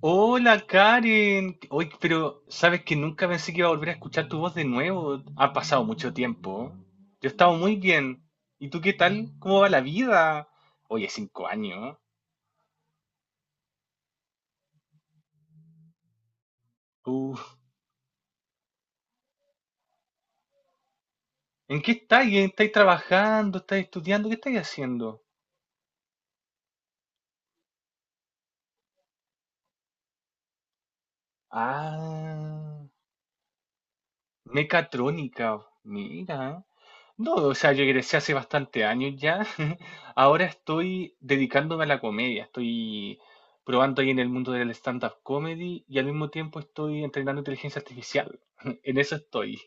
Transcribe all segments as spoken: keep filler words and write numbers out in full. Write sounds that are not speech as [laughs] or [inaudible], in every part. Hola Karen, hoy pero sabes que nunca pensé que iba a volver a escuchar tu voz de nuevo. Ha pasado mucho tiempo. Yo he estado muy bien. ¿Y tú qué tal? ¿Cómo va la vida? Oye, cinco años. Uf. ¿En qué estás? ¿Estáis trabajando? ¿Estás estudiando? ¿Qué estáis haciendo? Ah, mecatrónica. Mira. No, o sea, yo egresé hace bastante años ya. [laughs] Ahora estoy dedicándome a la comedia. Estoy probando ahí en el mundo del stand-up comedy y al mismo tiempo estoy entrenando inteligencia artificial. [laughs] En eso estoy.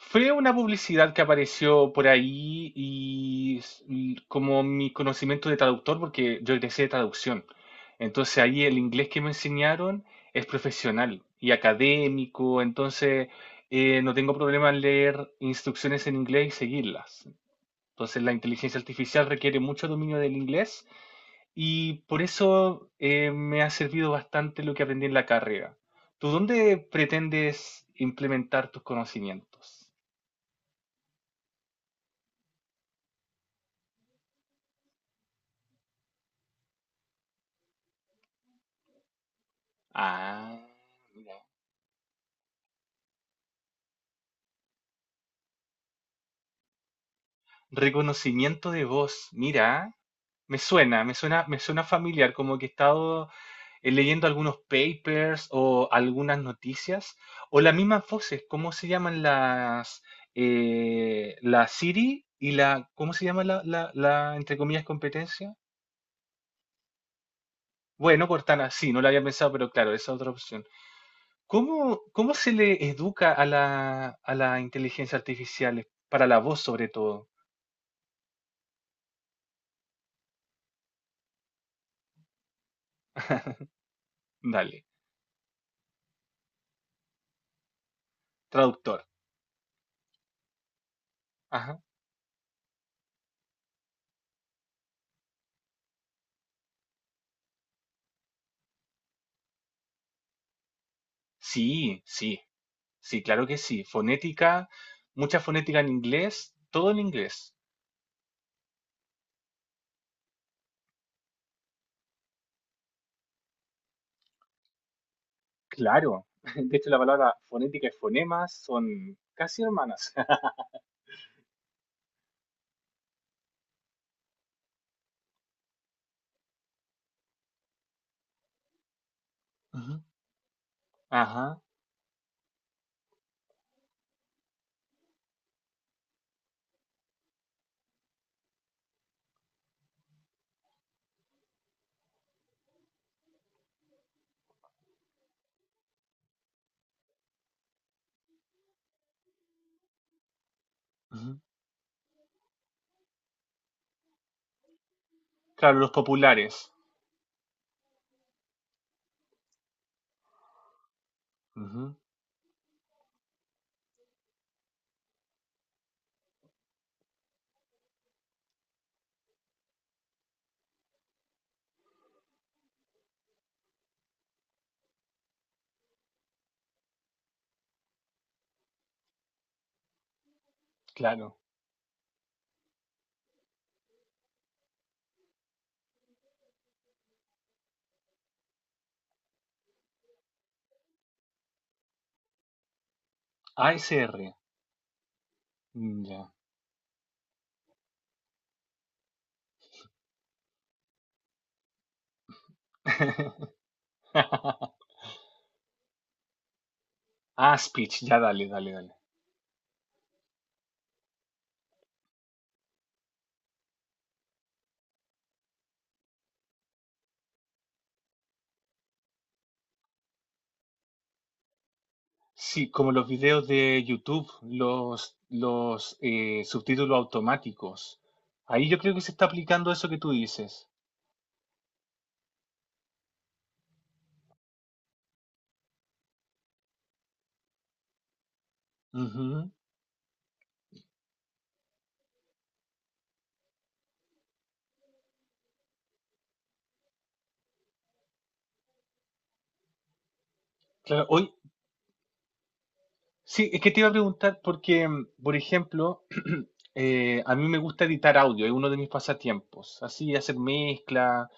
Fue una publicidad que apareció por ahí y s- y como mi conocimiento de traductor, porque yo egresé de traducción. Entonces ahí el inglés que me enseñaron es profesional y académico, entonces eh, no tengo problema en leer instrucciones en inglés y seguirlas. Entonces la inteligencia artificial requiere mucho dominio del inglés y por eso eh, me ha servido bastante lo que aprendí en la carrera. ¿Tú dónde pretendes implementar tus conocimientos? Ah, reconocimiento de voz. Mira, me suena, me suena, me suena familiar, como que he estado eh, leyendo algunos papers o algunas noticias o las mismas voces. ¿Cómo se llaman las eh, la Siri y la cómo se llama la, la, la, entre comillas competencia? Bueno, Cortana, sí, no la había pensado, pero claro, esa es otra opción. ¿Cómo, cómo se le educa a la, a la inteligencia artificial para la voz sobre todo? [laughs] Dale, traductor. Ajá. Sí, sí, sí, claro que sí. Fonética, mucha fonética en inglés, todo en inglés. Claro. [laughs] De hecho, la palabra fonética y fonemas son casi hermanas. [laughs] Ujú. Ajá. Ujú. Claro, los populares. Ujú. Claro. A S R. mm, Ya. [laughs] Ah, speech. Ya, dale, dale, dale. Sí, como los videos de YouTube, los, los eh, subtítulos automáticos. Ahí yo creo que se está aplicando eso que tú dices. Ujú, claro. Hoy, sí, es que te iba a preguntar porque, mm, por ejemplo, [clears throat] eh, a mí me gusta editar audio, es uno de mis pasatiempos, así hacer mezcla.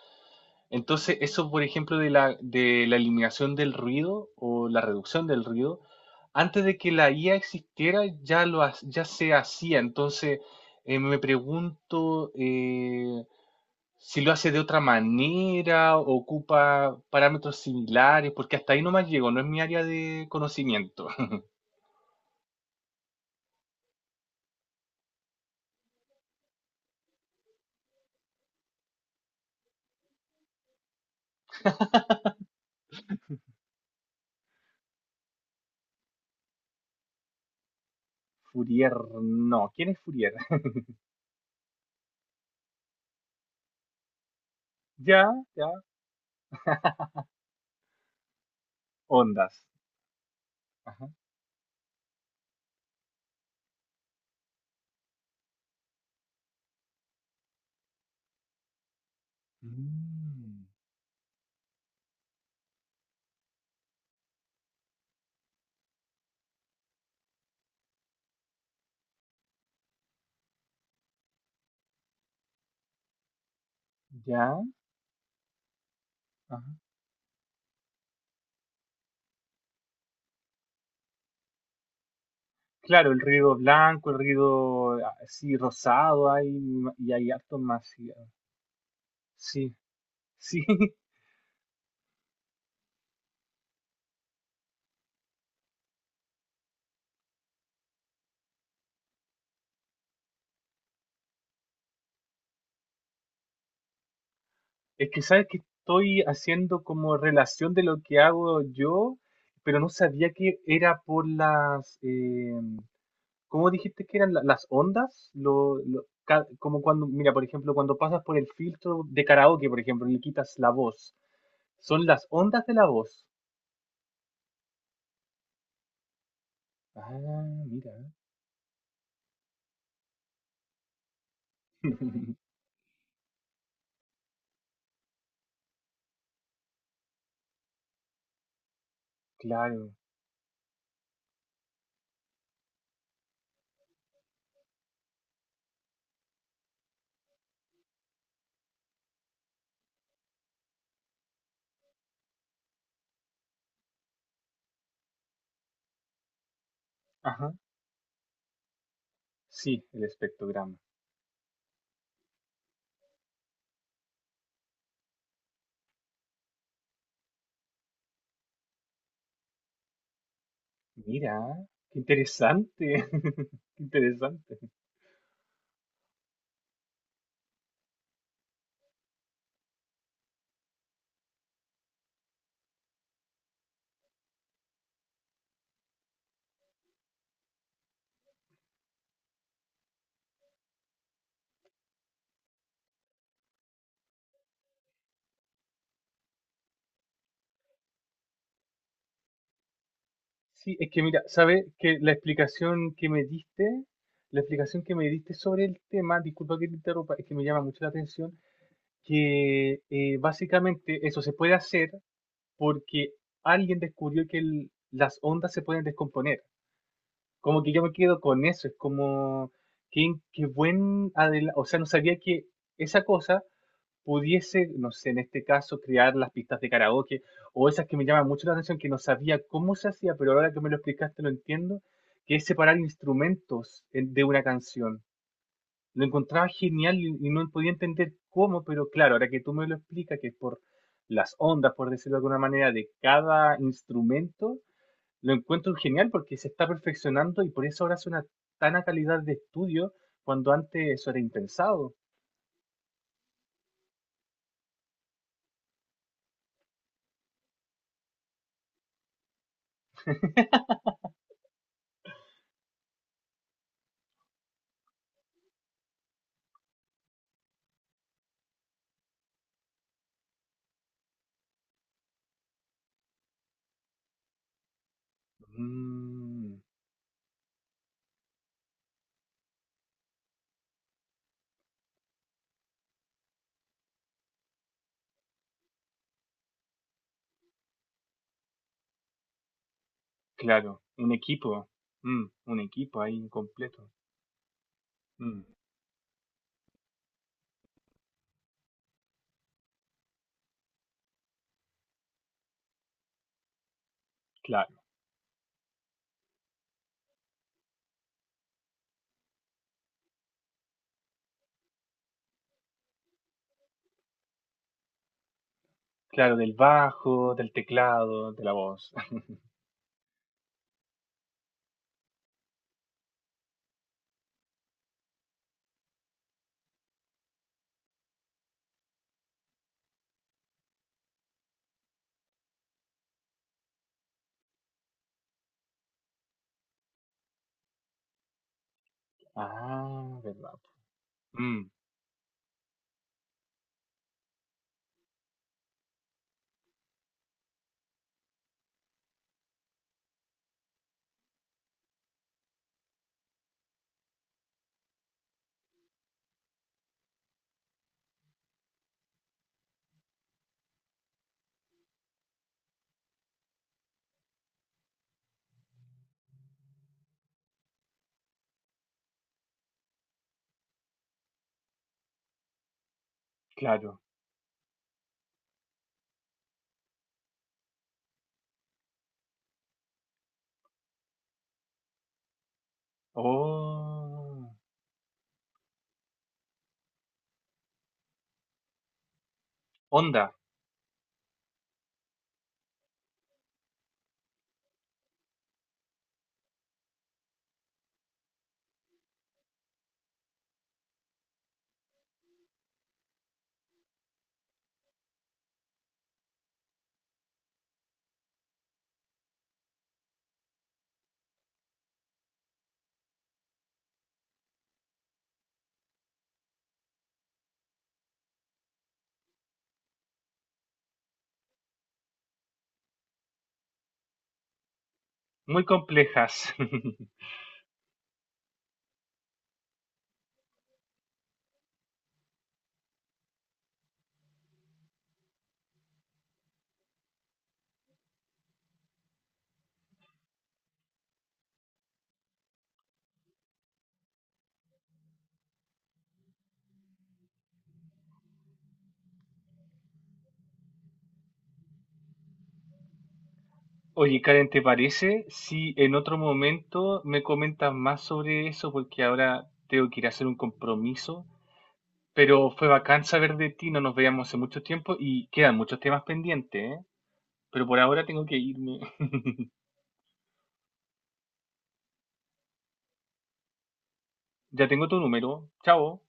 Entonces, eso, por ejemplo, de la, de la eliminación del ruido o la reducción del ruido, antes de que la I A existiera, ya lo, ha- ya se hacía. Entonces, eh, me pregunto eh, si lo hace de otra manera, ocupa parámetros similares, porque hasta ahí nomás llego, no es mi área de conocimiento. Fourier, no. ¿Quién es Fourier? [laughs] ya, ya. Ondas. Ajá. Mm, ya. Ajá. Claro, el ruido blanco, el ruido así rosado hay, y hay harto más. y- ah, Sí, sí. [laughs] Es que sabes que estoy haciendo como relación de lo que hago yo, pero no sabía que era por las, eh, ¿cómo dijiste que eran la- las ondas? Lo, lo- ca- como cuando, mira, por ejemplo, cuando pasas por el filtro de karaoke, por ejemplo, y le quitas la voz. Son las ondas de la voz. Ah, mira. [laughs] Claro. Ajá. Sí, el espectrograma. Mira, qué interesante. [laughs] Qué interesante. Sí, es que mira, sabes que la explicación que me diste, la explicación que me diste sobre el tema, disculpa que te interrumpa, es que me llama mucho la atención, que eh, básicamente eso se puede hacer porque alguien descubrió que el- las ondas se pueden descomponer. Como que yo me quedo con eso, es como qué, qué buen adela- o sea, no sabía que esa cosa pudiese, no sé, en este caso, crear las pistas de karaoke o esas que me llaman mucho la atención que no sabía cómo se hacía, pero ahora que me lo explicaste lo entiendo, que es separar instrumentos en- de una canción. Lo encontraba genial y, y no podía entender cómo, pero claro, ahora que tú me lo explicas, que es por las ondas, por decirlo de alguna manera, de cada instrumento, lo encuentro genial porque se está perfeccionando y por eso ahora es una tan a calidad de estudio cuando antes eso era impensado. Mm, claro, un equipo, mm, un equipo ahí incompleto. Mm, claro, claro, del bajo, del teclado, de la voz. [laughs] Ah, verdad. Mm, claro. Oh. Onda, muy complejas. [laughs] Oye, Karen, ¿te parece si en otro momento me comentas más sobre eso? Porque ahora tengo que ir a hacer un compromiso. Pero fue bacán saber de ti, no nos veíamos hace mucho tiempo y quedan muchos temas pendientes, ¿eh? Pero por ahora tengo que irme. [laughs] Ya tengo tu número. Chao.